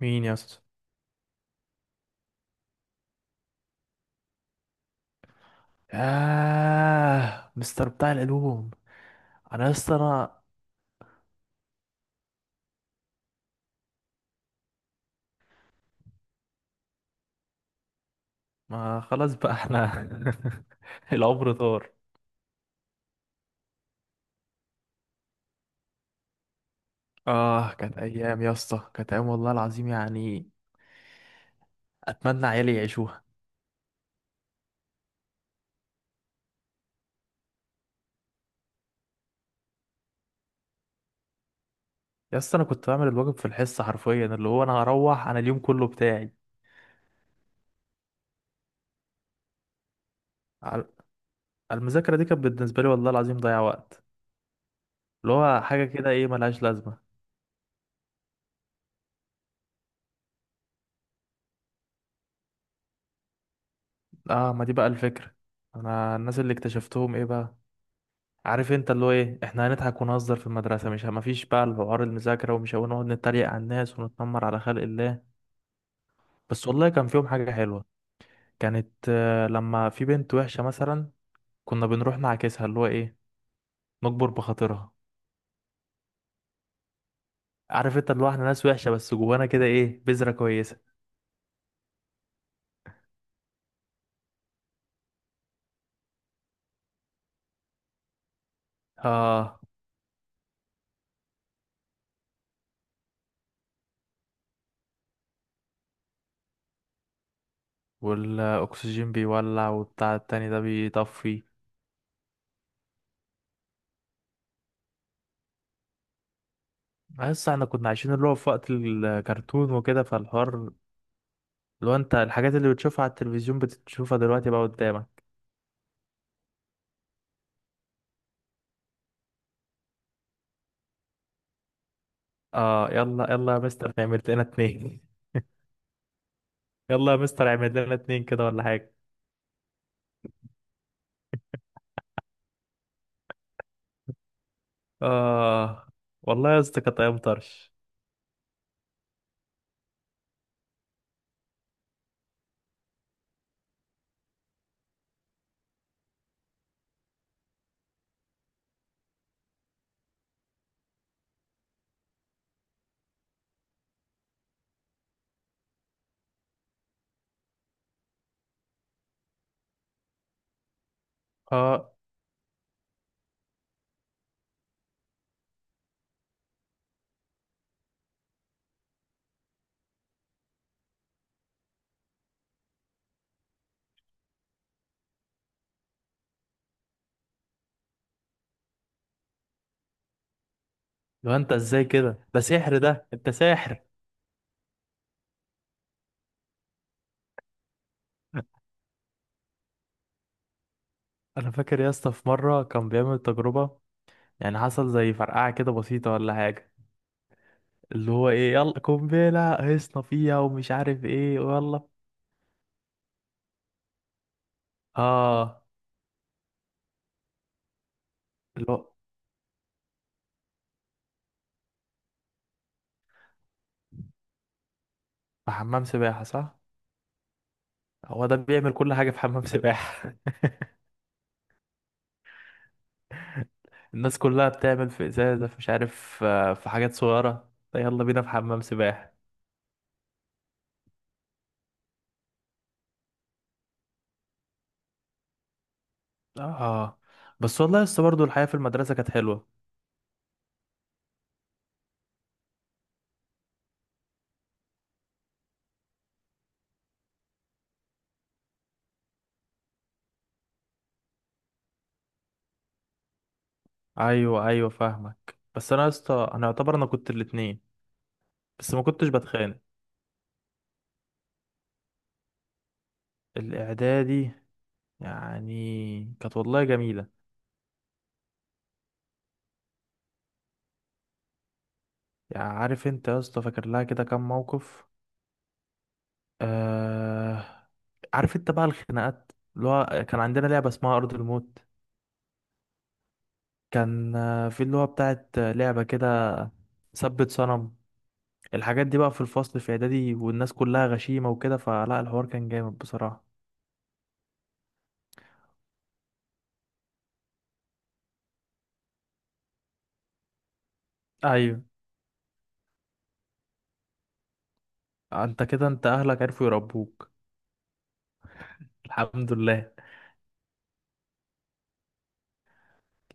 مين يا اسطى؟ آه، مستر بتاع العلوم. انا يا اسطى ما خلاص بقى احنا. العمر طار. اه، كانت ايام يا اسطى، كانت ايام والله العظيم يعني. اتمنى عيالي يعيشوها. يا اسطى انا كنت بعمل الواجب في الحصه حرفيا، اللي هو انا هروح، انا اليوم كله بتاعي. على- المذاكره دي كانت بالنسبه لي والله العظيم ضيع وقت. اللي هو حاجه كده، ايه ملهاش لازمه. اه، ما دي بقى الفكره. انا الناس اللي اكتشفتهم ايه بقى؟ عارف انت اللي هو ايه، احنا هنضحك ونهزر في المدرسه، مش مفيش بقى الحوار المذاكره، ومش هنقعد نتريق على الناس ونتنمر على خلق الله. بس والله كان فيهم حاجه حلوه. كانت لما في بنت وحشه مثلا، كنا بنروح نعاكسها، اللي هو ايه، نكبر بخاطرها. عارف انت اللي هو احنا ناس وحشه، بس جوانا كده ايه بذره كويسه. اه، والاكسجين بيولع، وبتاع التاني ده بيطفي. بس احنا كنا عايشين اللي هو في وقت الكرتون وكده، فالحوار، لو انت الحاجات اللي بتشوفها على التلفزيون بتشوفها دلوقتي بقى قدامك. اه، يلا يلا يا مستر، نعمل لنا اتنين. يلا يا مستر، اعمل لنا اتنين كده ولا حاجة. اه، والله يا اسطى كانت ايام طرش. اه، لو انت ازاي كده؟ ده سحر، ده انت ساحر. انا فاكر يا اسطى، في مرة كان بيعمل تجربة، يعني حصل زي فرقعة كده بسيطة ولا حاجة. اللي هو ايه، يلا قنبلة هيصنا فيها، ومش عارف ايه، ويلا. اه، اللي هو في حمام سباحة، صح؟ هو ده بيعمل كل حاجة في حمام سباحة. الناس كلها بتعمل في ازازه، في مش عارف في حاجات صغيره. لا، يلا بينا في حمام سباحه. اه، بس والله يا اسطى برضه الحياه في المدرسه كانت حلوه. ايوه ايوه، فاهمك. بس انا يا اسطى انا يعتبر انا كنت الاتنين، بس ما كنتش بتخانق. الاعدادي يعني كانت والله جميله. يعني عارف انت يا اسطى، فاكر لها كده كام موقف. آه. عارف انت بقى الخناقات، اللي هو كان عندنا لعبه اسمها ارض الموت. كان في اللي هو بتاعت لعبه كده، ثبت صنم. الحاجات دي بقى في الفصل في اعدادي، والناس كلها غشيمة وكده، فلا الحوار كان جامد بصراحة. ايوه. انت كده انت اهلك عرفوا يربوك. الحمد لله.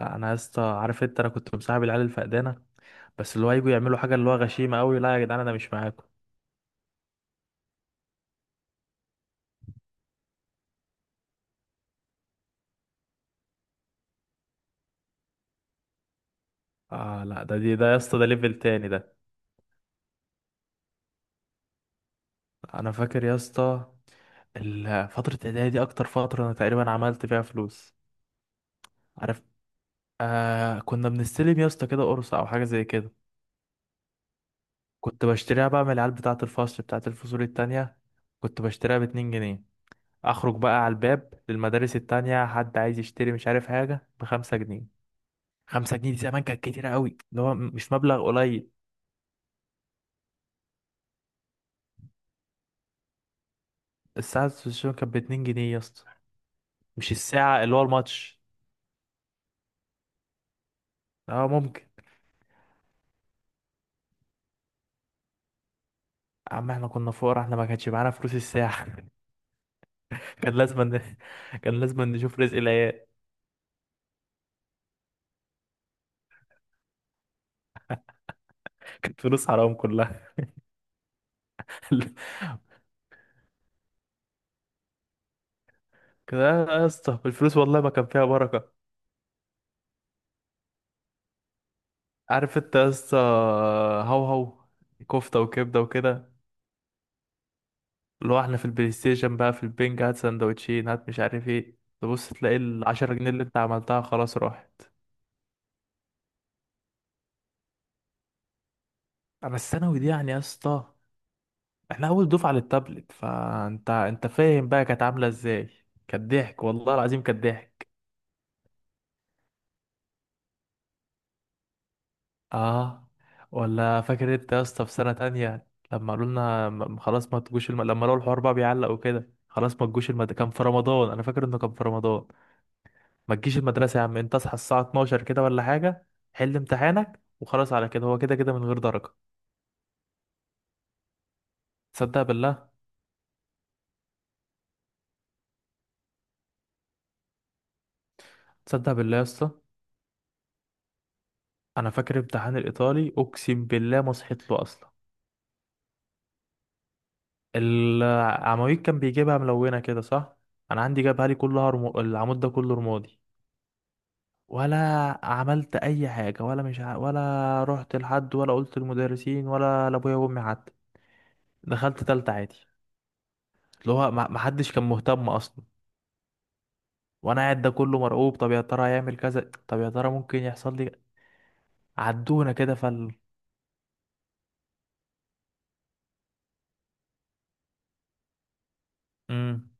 لا، انا يا اسطى عارف انت انا كنت مصاحب العيال الفقدانة، بس اللي هو يجوا يعملوا حاجة اللي هو غشيمة قوي، لا يا جدعان انا مش معاكم. اه، لا ده، دي ده يا اسطى، ده ليفل تاني ده. انا فاكر يا اسطى فترة اعدادي دي اكتر فترة انا تقريبا عملت فيها فلوس. عارف، آه، كنا بنستلم يا اسطى كده قرص او حاجة زي كده، كنت بشتريها بقى من العيال بتاعة الفصول التانية، كنت بشتريها باتنين جنيه. أخرج بقى على الباب للمدارس التانية، حد عايز يشتري مش عارف حاجة بخمسة جنيه. خمسة جنيه دي زمان كانت كتيرة قوي، اللي هو مش مبلغ قليل. الساعة السوشيال كانت باتنين جنيه يا اسطى، مش الساعة اللي هو الماتش. اه، ممكن. يا عم احنا كنا فقراء، احنا ما كانش معانا فلوس الساعة. كان لازم ن... كان لازم نشوف رزق العيال. كانت فلوس حرام كلها. كده يا اسطى، الفلوس والله ما كان فيها بركة. عارف انت يا اسطى، هو هو، كفته وكبده وكده. اللي هو احنا في البلاي ستيشن بقى في البنج، هات سندوتشين، هات مش عارف ايه، تبص تلاقي العشرة جنيه اللي انت عملتها خلاص راحت. اما الثانوي دي يعني يا اسطى، احنا اول دفعه للتابلت، فانت فاهم بقى كانت عامله ازاي. كانت ضحك والله العظيم، كانت ضحك. اه، ولا فاكر انت يا اسطى في سنه تانية لما قالوا لنا خلاص ما تجوش لما لقوا الحوار بقى بيعلق وكده، خلاص ما تجوش كان في رمضان، انا فاكر انه كان في رمضان. ما تجيش المدرسة يا عم، انت اصحى الساعة 12 كده ولا حاجة، حل امتحانك وخلاص، على كده هو كده كده من غير درجة. تصدق بالله؟ تصدق بالله يا اسطى، انا فاكر امتحان الايطالي اقسم بالله ما صحيت له اصلا. العواميد كان بيجيبها ملونة كده، صح؟ انا عندي جابها لي كلها العمود ده كله رمادي. ولا عملت اي حاجة، ولا مش ع... ولا رحت لحد ولا قلت للمدرسين ولا لابويا وامي حتى. دخلت تالتة عادي. اللي هو ما حدش كان مهتم اصلا، وانا قاعد ده كله مرعوب، طب يا ترى هيعمل كذا، طب يا ترى ممكن يحصل لي. عدونا كده فال. امم.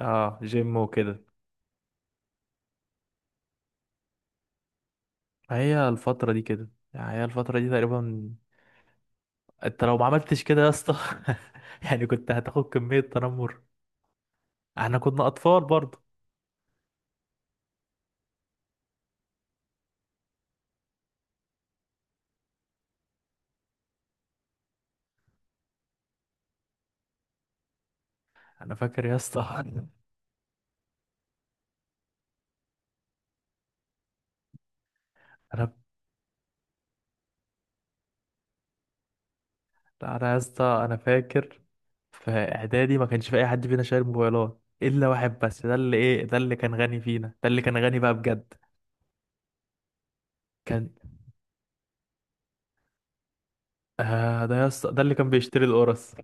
اه، جيم وكده. فهي الفترة دي كده، يعني هي الفترة دي تقريبا. انت لو ما عملتش كده يا اسطى يعني كنت هتاخد كمية تنمر، احنا كنا اطفال برضه. انا فاكر يا اسطى. انا انا يا اسطى انا فاكر في اعدادي ما كانش في اي حد فينا شايل موبايلات، الا واحد بس، ده اللي ايه، ده اللي كان غني فينا، ده اللي كان غني بقى بجد. كان، آه، ده يا اسطى ده اللي كان بيشتري القرص.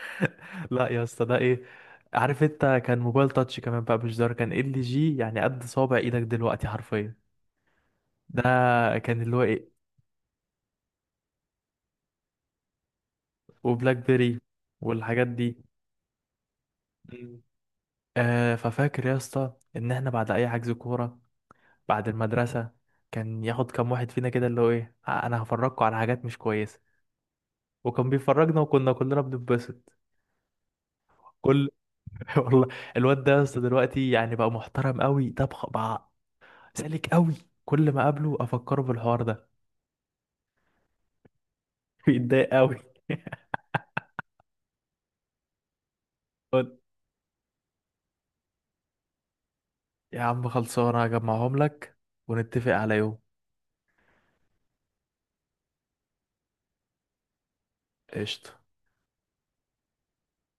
لا يا اسطى ده ايه، عارف انت كان موبايل تاتش كمان بقى، مش زر، كان ال جي يعني قد صوابع ايدك دلوقتي حرفيا. ده كان اللي هو ايه، وبلاك بيري والحاجات دي. مم. ففاكر يا اسطى ان احنا بعد اي حجز كوره بعد المدرسه، كان ياخد كام واحد فينا كده اللي هو ايه انا هفرجكوا على حاجات مش كويسه، وكان بيفرجنا وكنا كلنا بنتبسط كل. والله الواد ده يا اسطى دلوقتي يعني بقى محترم قوي، ده بقى سالك قوي، كل ما اقابله افكره بالحوار ده، بيتضايق قوي. قلت يا عم خلصانه، هجمعهم لك ونتفق على يوم. قشطه.